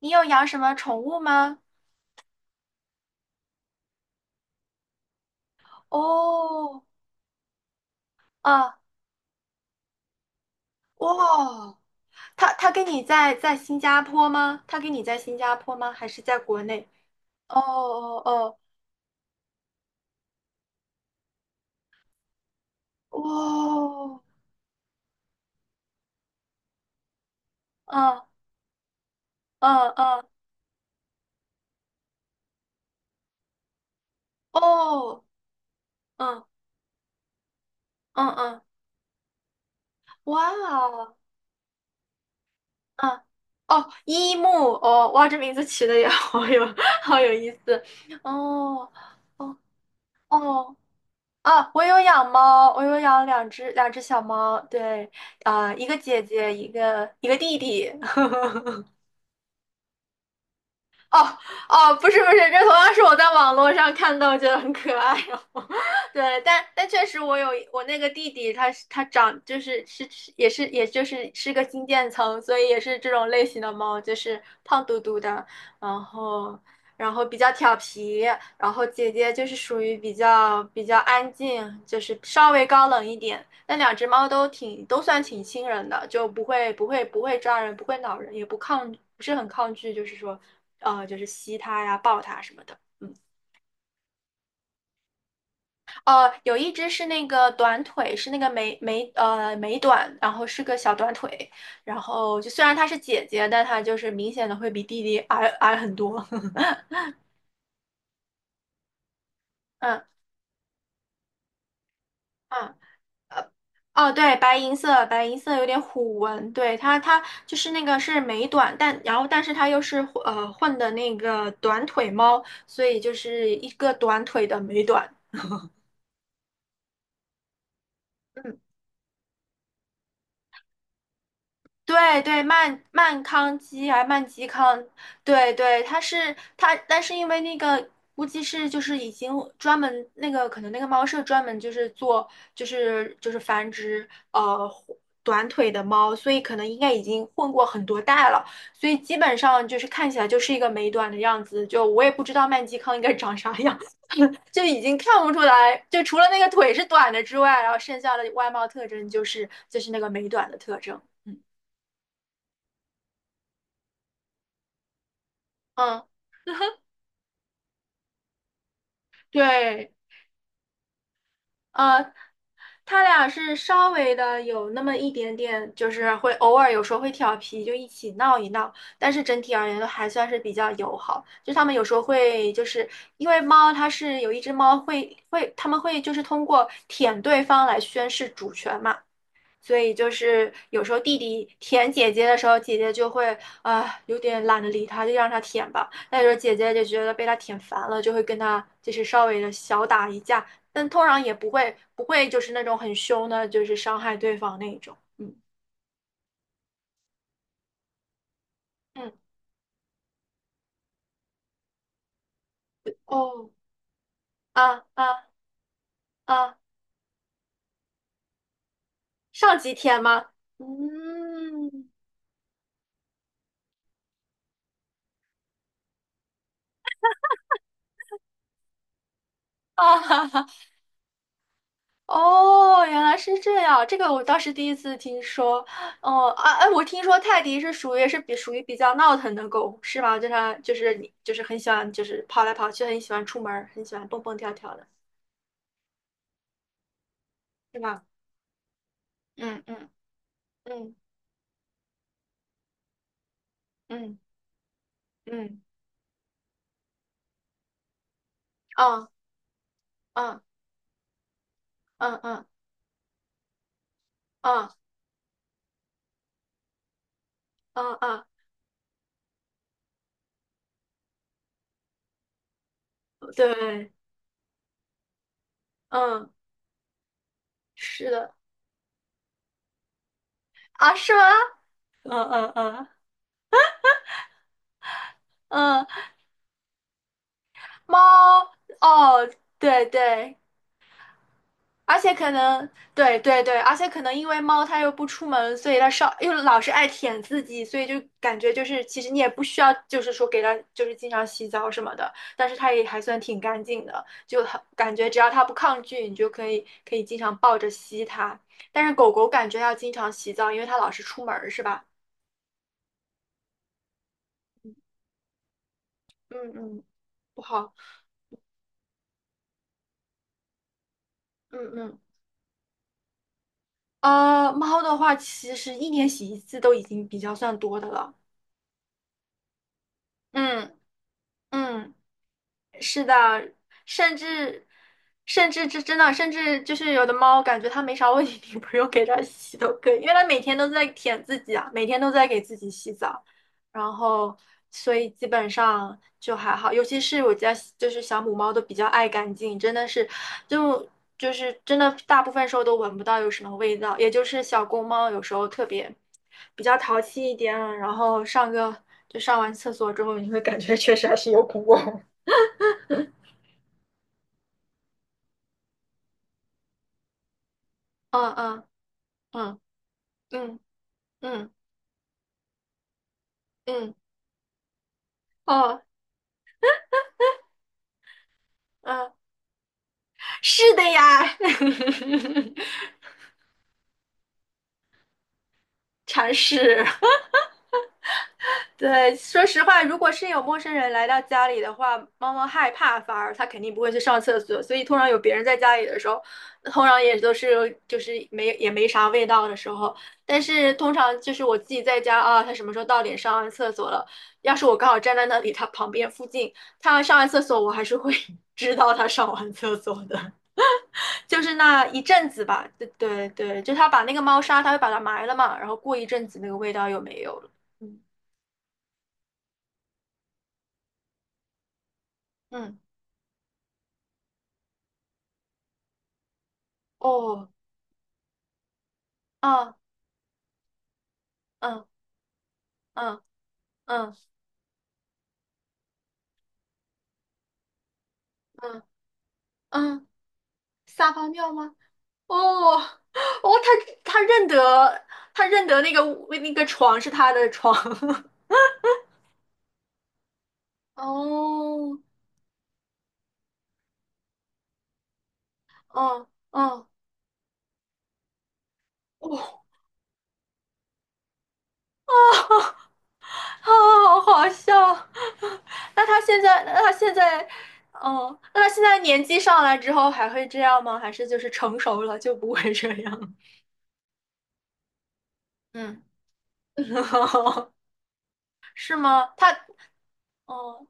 你有养什么宠物吗？哦，啊，哇，他跟你在新加坡吗？他跟你在新加坡吗？还是在国内？哦哦哦，哇，嗯嗯嗯，哦，嗯嗯嗯，哇哦，嗯，哦，一木，哦，哇，这名字起的也好有 好有意思，哦哦哦。啊，我有养猫，我有养两只小猫，对，啊、一个姐姐，一个弟弟。哦哦，不是不是，这同样是我在网络上看到，觉得很可爱哦。对，但确实我有我那个弟弟他，是他长就是是是也是也就是是个金渐层，所以也是这种类型的猫，就是胖嘟嘟的，然后然后比较调皮，然后姐姐就是属于比较安静，就是稍微高冷一点。那两只猫都挺都算挺亲人的，就不会抓人，不会挠人，也不抗，不是很抗拒，就是说，就是吸它呀、抱它什么的。嗯，有一只是那个短腿，是那个美短，然后是个小短腿，然后就虽然它是姐姐，但它就是明显的会比弟弟很多。嗯嗯。呃，哦，对，白银色，白银色有点虎纹，对，它就是那个是美短，但然后但是它又是混的那个短腿猫，所以就是一个短腿的美短。嗯。对对，曼基康，对对，它是它，但是因为那个估计是就是已经专门那个可能那个猫舍专门就是做就是繁殖短腿的猫，所以可能应该已经混过很多代了，所以基本上就是看起来就是一个美短的样子，就我也不知道曼基康应该长啥样，就已经看不出来，就除了那个腿是短的之外，然后剩下的外貌特征就是那个美短的特征，嗯嗯。对，呃，他俩是稍微的有那么一点点，就是会偶尔有时候会调皮，就一起闹一闹，但是整体而言都还算是比较友好。就他们有时候会，就是因为猫它是有一只猫会会，他们会就是通过舔对方来宣示主权嘛。所以就是有时候弟弟舔姐姐的时候，姐姐就会啊有点懒得理他，就让他舔吧。但候姐姐就觉得被他舔烦了，就会跟他就是稍微的小打一架，但通常也不会就是那种很凶的，就是伤害对方那种。嗯嗯，哦，啊啊啊，上级舔吗？嗯，啊哈哈。哦，原来是这样，这个我倒是第一次听说。哦，啊，哎，我听说泰迪是属于比较闹腾的狗，是吗？就它就是你就是很喜欢就是跑来跑去，很喜欢出门儿，很喜欢蹦蹦跳跳的，是吧？嗯嗯嗯嗯嗯，啊啊啊啊啊啊啊，对，嗯，是的，啊，是吗？嗯嗯嗯嗯，猫，哦，对对。而且可能，对对对，而且可能因为猫它又不出门，所以它稍又老是爱舔自己，所以就感觉就是其实你也不需要，就是说给它就是经常洗澡什么的，但是它也还算挺干净的，就很感觉只要它不抗拒，你就可以经常抱着吸它。但是狗狗感觉要经常洗澡，因为它老是出门儿，是吧？嗯嗯，不好，嗯嗯，猫的话其实一年洗一次都已经比较算多的了，嗯嗯。是的，甚至甚至就是有的猫，感觉它没啥问题，你不用给它洗都可以，因为它每天都在舔自己啊，每天都在给自己洗澡，然后所以基本上就还好，尤其是我家就是小母猫都比较爱干净，真的是就就是真的大部分时候都闻不到有什么味道，也就是小公猫有时候特别比较淘气一点，然后就上完厕所之后，你会感觉确实还是有股味，嗯嗯嗯嗯嗯嗯，哦，嗯，是的呀，尝试。对，说实话，如果是有陌生人来到家里的话，猫猫害怕，反而它肯定不会去上厕所，所以通常有别人在家里的时候，通常也都是就是没也没啥味道的时候。但是通常就是我自己在家啊，它什么时候到点上完厕所了？要是我刚好站在那里，它旁边附近，它上完厕所，我还是会 知道它上完厕所的。就是那一阵子吧，对对对，就他把那个猫砂，他会把它埋了嘛，然后过一阵子那个味道又没有了。嗯嗯，哦，啊，嗯嗯嗯嗯嗯，撒泡尿吗？哦哦，他认得，他认得那个那个床是他的床。哦哦哦哦，好好笑。那他现在，那他现在，哦，那他现在年纪上来之后还会这样吗？还是就是成熟了就不会这样？嗯，是吗？他，哦，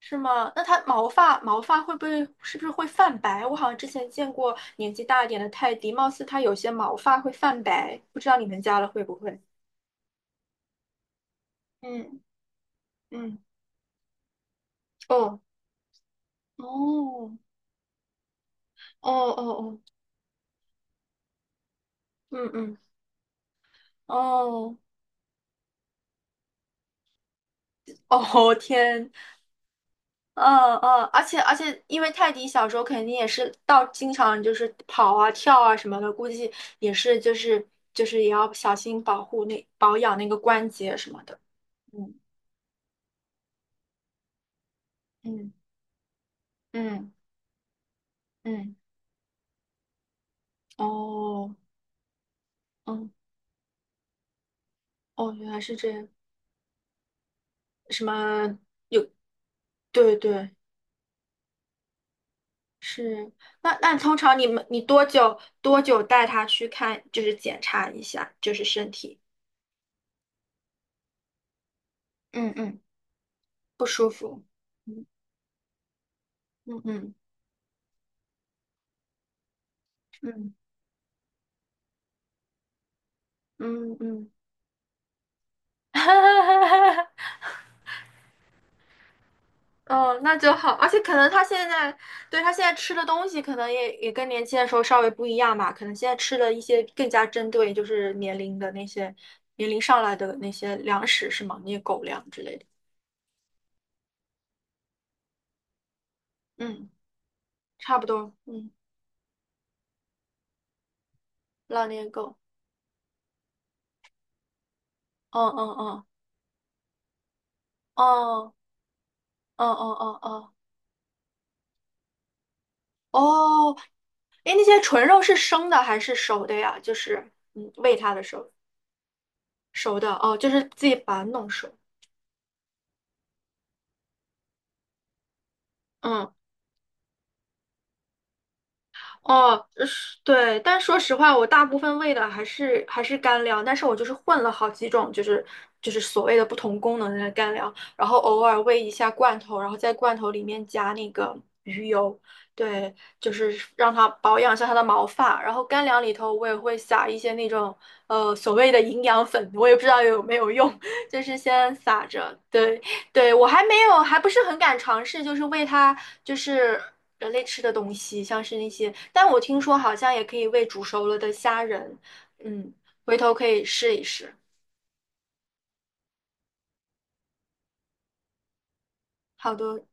是吗？那他毛发会不会是不是会泛白？我好像之前见过年纪大一点的泰迪，貌似他有些毛发会泛白，不知道你们家的会不会？嗯嗯，哦哦哦哦哦，嗯嗯，哦哦天。嗯嗯，而且而且，因为泰迪小时候肯定也是到经常就是跑啊跳啊什么的，估计也是就是就是也要小心保养那个关节什么的。嗯嗯嗯嗯，哦，嗯，哦，原来是这样。什么？对对，是。那那通常你多久带他去看，就是检查一下，就是身体，嗯嗯，不舒服。嗯嗯嗯嗯嗯嗯。哈，哦，那就好，而且可能他现在，对，他现在吃的东西可能也跟年轻的时候稍微不一样吧，可能现在吃的一些更加针对就是年龄的那些年龄上来的那些粮食是吗？那些狗粮之类的，嗯，差不多，嗯，老年狗，嗯嗯嗯，哦，哦哦哦。哦哦，诶，那些纯肉是生的还是熟的呀？就是嗯，喂它的时候熟的，哦，就是自己把它弄熟，嗯。哦，是，对，但说实话，我大部分喂的还是干粮，但是我就是混了好几种，就是所谓的不同功能的干粮，然后偶尔喂一下罐头，然后在罐头里面加那个鱼油，对，就是让它保养一下它的毛发。然后干粮里头我也会撒一些那种所谓的营养粉，我也不知道有没有用，就是先撒着，对。对，我还没有，还不是很敢尝试，就是喂它，就是人类吃的东西，像是那些，但我听说好像也可以喂煮熟了的虾仁，嗯，回头可以试一试。好多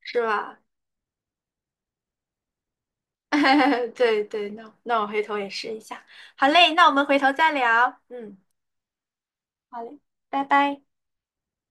是吧？对对，那那我回头也试一下。好嘞，那我们回头再聊。嗯，好嘞，拜拜。